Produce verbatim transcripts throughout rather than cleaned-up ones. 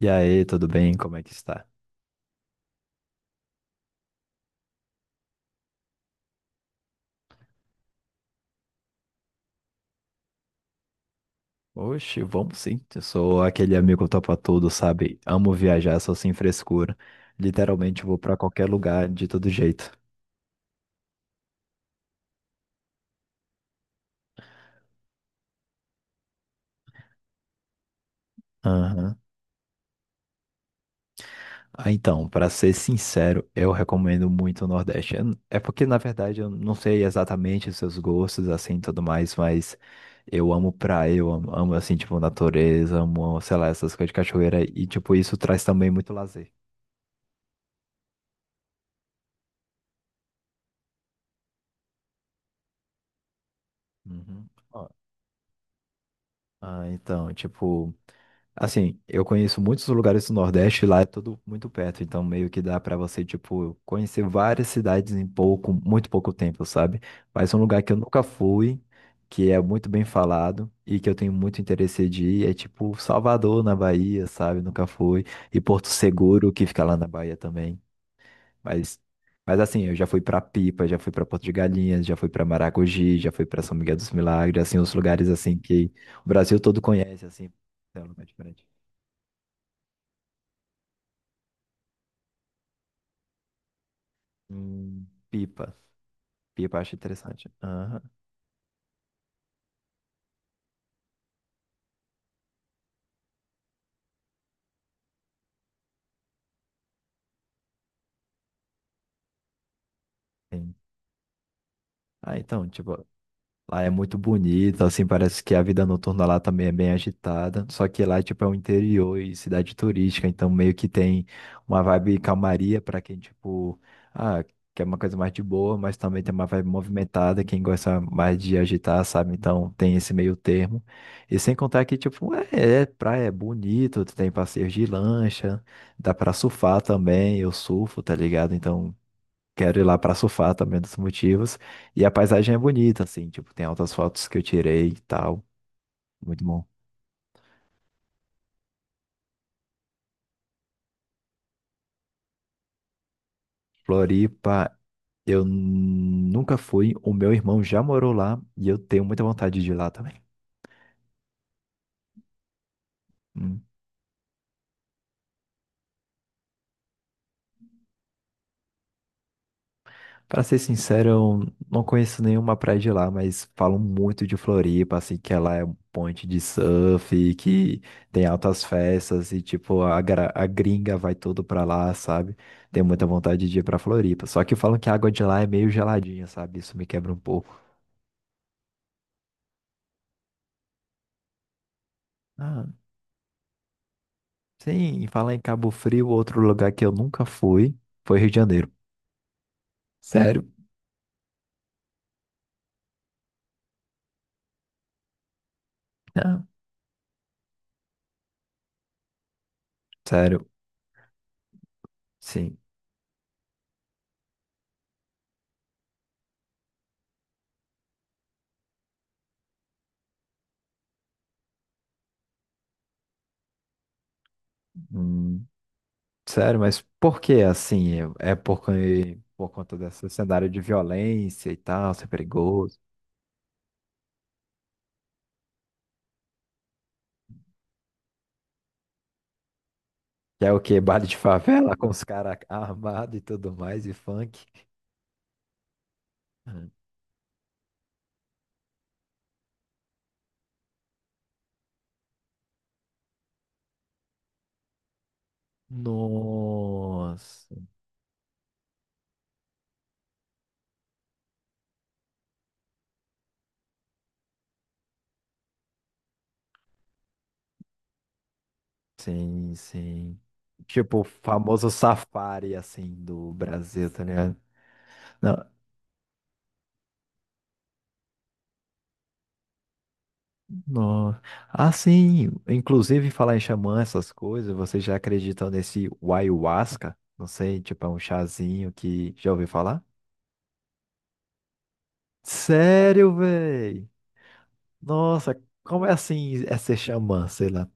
E aí, tudo bem? Como é que está? Oxe, vamos sim. Eu sou aquele amigo topa tudo, sabe? Amo viajar, sou sem frescura. Literalmente vou pra qualquer lugar de todo jeito. Aham. Ah, então, pra ser sincero, eu recomendo muito o Nordeste. Eu n- É porque, na verdade, eu não sei exatamente os seus gostos, assim, e tudo mais, mas eu amo praia, eu amo, amo, assim, tipo, natureza, amo, sei lá, essas coisas de cachoeira e, tipo, isso traz também muito lazer. Uhum. Ah, então, tipo, assim, eu conheço muitos lugares do Nordeste, lá é tudo muito perto, então meio que dá pra você, tipo, conhecer várias cidades em pouco, muito pouco tempo, sabe? Mas um lugar que eu nunca fui, que é muito bem falado e que eu tenho muito interesse de ir, é tipo Salvador, na Bahia, sabe? Nunca fui. E Porto Seguro, que fica lá na Bahia também. Mas, mas assim, eu já fui pra Pipa, já fui pra Porto de Galinhas, já fui pra Maragogi, já fui pra São Miguel dos Milagres, assim, os lugares assim que o Brasil todo conhece, assim, é um lugar diferente. Hum, Pipa. Pipa eu acho interessante. Aham, sim. Ah, então, tipo, lá é muito bonito, assim, parece que a vida noturna lá também é bem agitada. Só que lá, tipo, é o interior e cidade turística, então meio que tem uma vibe calmaria para quem, tipo, ah, quer uma coisa mais de boa, mas também tem uma vibe movimentada, quem gosta mais de agitar, sabe? Então tem esse meio termo. E sem contar que, tipo, é, é praia, é bonito, tem passeios de lancha, dá pra surfar também, eu surfo, tá ligado? Então, quero ir lá pra surfar também é dos motivos. E a paisagem é bonita, assim, tipo, tem altas fotos que eu tirei e tal. Muito bom. Floripa, eu nunca fui. O meu irmão já morou lá e eu tenho muita vontade de ir lá também. Pra ser sincero, eu não conheço nenhuma praia de lá, mas falam muito de Floripa, assim, que ela é um ponte de surf, que tem altas festas e, tipo, a, gra- a gringa vai todo pra lá, sabe? Tenho muita vontade de ir pra Floripa. Só que falam que a água de lá é meio geladinha, sabe? Isso me quebra um pouco. Ah, sim, e falar em Cabo Frio, outro lugar que eu nunca fui foi Rio de Janeiro. Sério? Ah, sério, sim. Hum, sério, mas por que assim? É por, co- por conta desse cenário de violência e tal, ser perigoso. Que é o quê? Baile de favela com os caras armados e tudo mais, e funk. Hum. Nossa, sim, sim. Tipo, o famoso safari, assim, do Brasil, tá ligado? Não, não. Ah, sim, inclusive falar em xamã, essas coisas, vocês já acreditam nesse ayahuasca? Não sei, tipo, é um chazinho que já ouviu falar? Sério, véi? Nossa, como é assim é ser xamã, sei lá?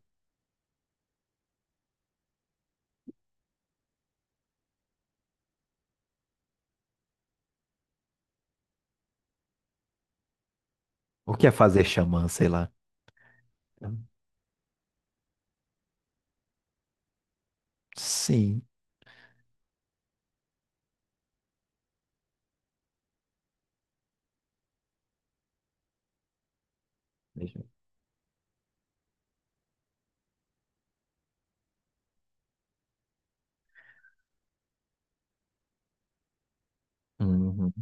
O que é fazer xamã, sei lá? Sim. Deixa eu- Uhum.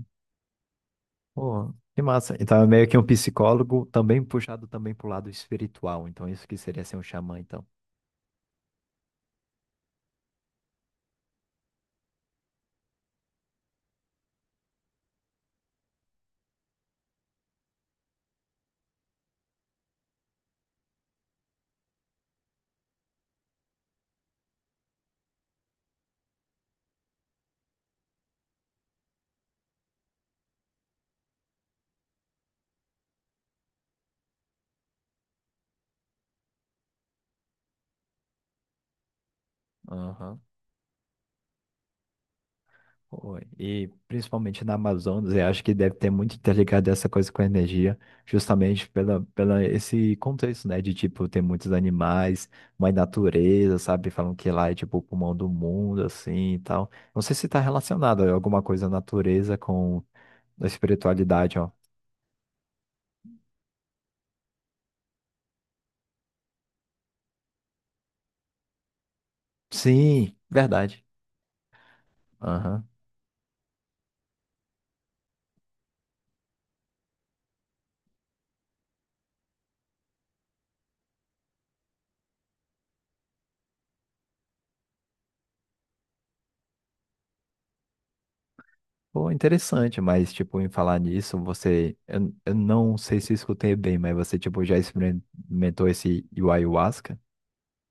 Pô, que massa. Então é meio que um psicólogo também puxado também pro lado espiritual. Então isso que seria ser um xamã, então. Aham. Pô, e principalmente na Amazonas, eu acho que deve ter muito interligado essa coisa com a energia, justamente pela, pela esse contexto, né? De tipo, ter muitos animais, mais natureza, sabe? Falam que lá é tipo o pulmão do mundo, assim e tal. Não sei se está relacionado a alguma coisa natureza com a espiritualidade, ó. Sim, verdade. Aham. Pô, interessante, mas tipo, em falar nisso, você. Eu, eu não sei se eu escutei bem, mas você tipo já experimentou esse ayahuasca?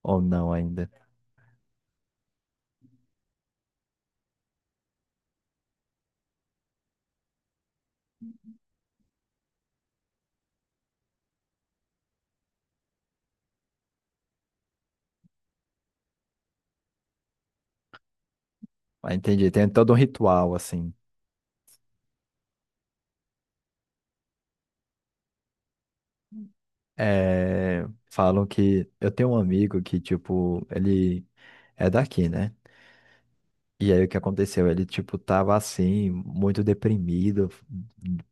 Ou não ainda. Ah, entendi. Tem todo um ritual, assim. É, falam que. Eu tenho um amigo que, tipo, ele é daqui, né? E aí o que aconteceu? Ele, tipo, tava assim, muito deprimido.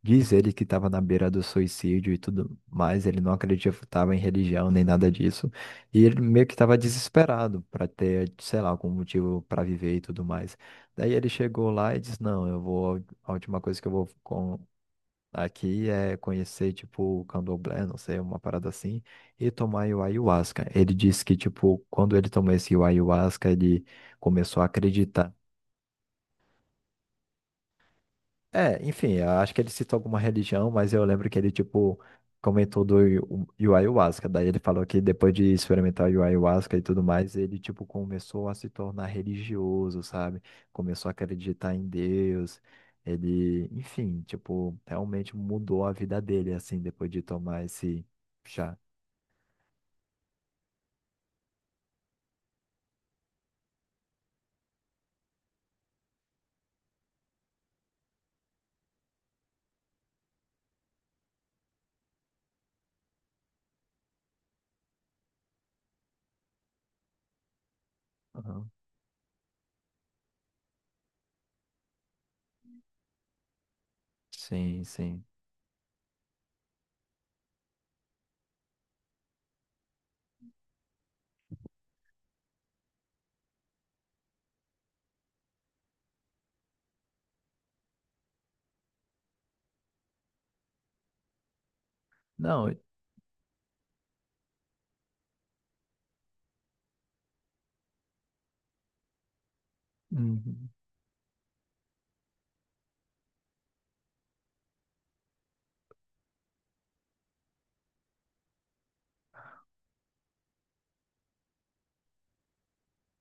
Diz ele que tava na beira do suicídio e tudo mais. Ele não acreditava em religião nem nada disso. E ele meio que tava desesperado para ter, sei lá, algum motivo para viver e tudo mais. Daí ele chegou lá e disse: Não, eu vou. A última coisa que eu vou aqui é conhecer, tipo, o candomblé, não sei, uma parada assim, e tomar o ayahuasca. Ele disse que, tipo, quando ele tomou esse ayahuasca, ele começou a acreditar. É, enfim, eu acho que ele citou alguma religião, mas eu lembro que ele, tipo, comentou do ayu- o ayahuasca. Daí ele falou que depois de experimentar o ayahuasca e tudo mais, ele, tipo, começou a se tornar religioso, sabe? Começou a acreditar em Deus. Ele, enfim, tipo, realmente mudou a vida dele, assim, depois de tomar esse chá. Aham. Sim, sim. Não, e- Uhum.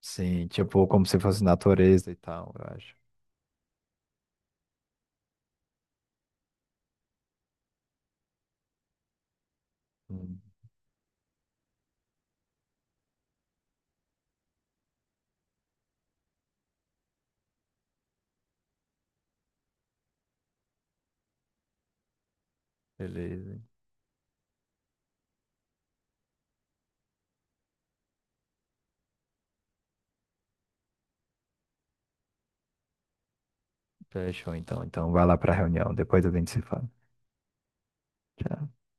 Sim, tipo, como se fosse natureza e tal, eu acho. Hum, beleza. Fechou, então. Então, vai lá para a reunião. Depois a gente se fala. Tchau.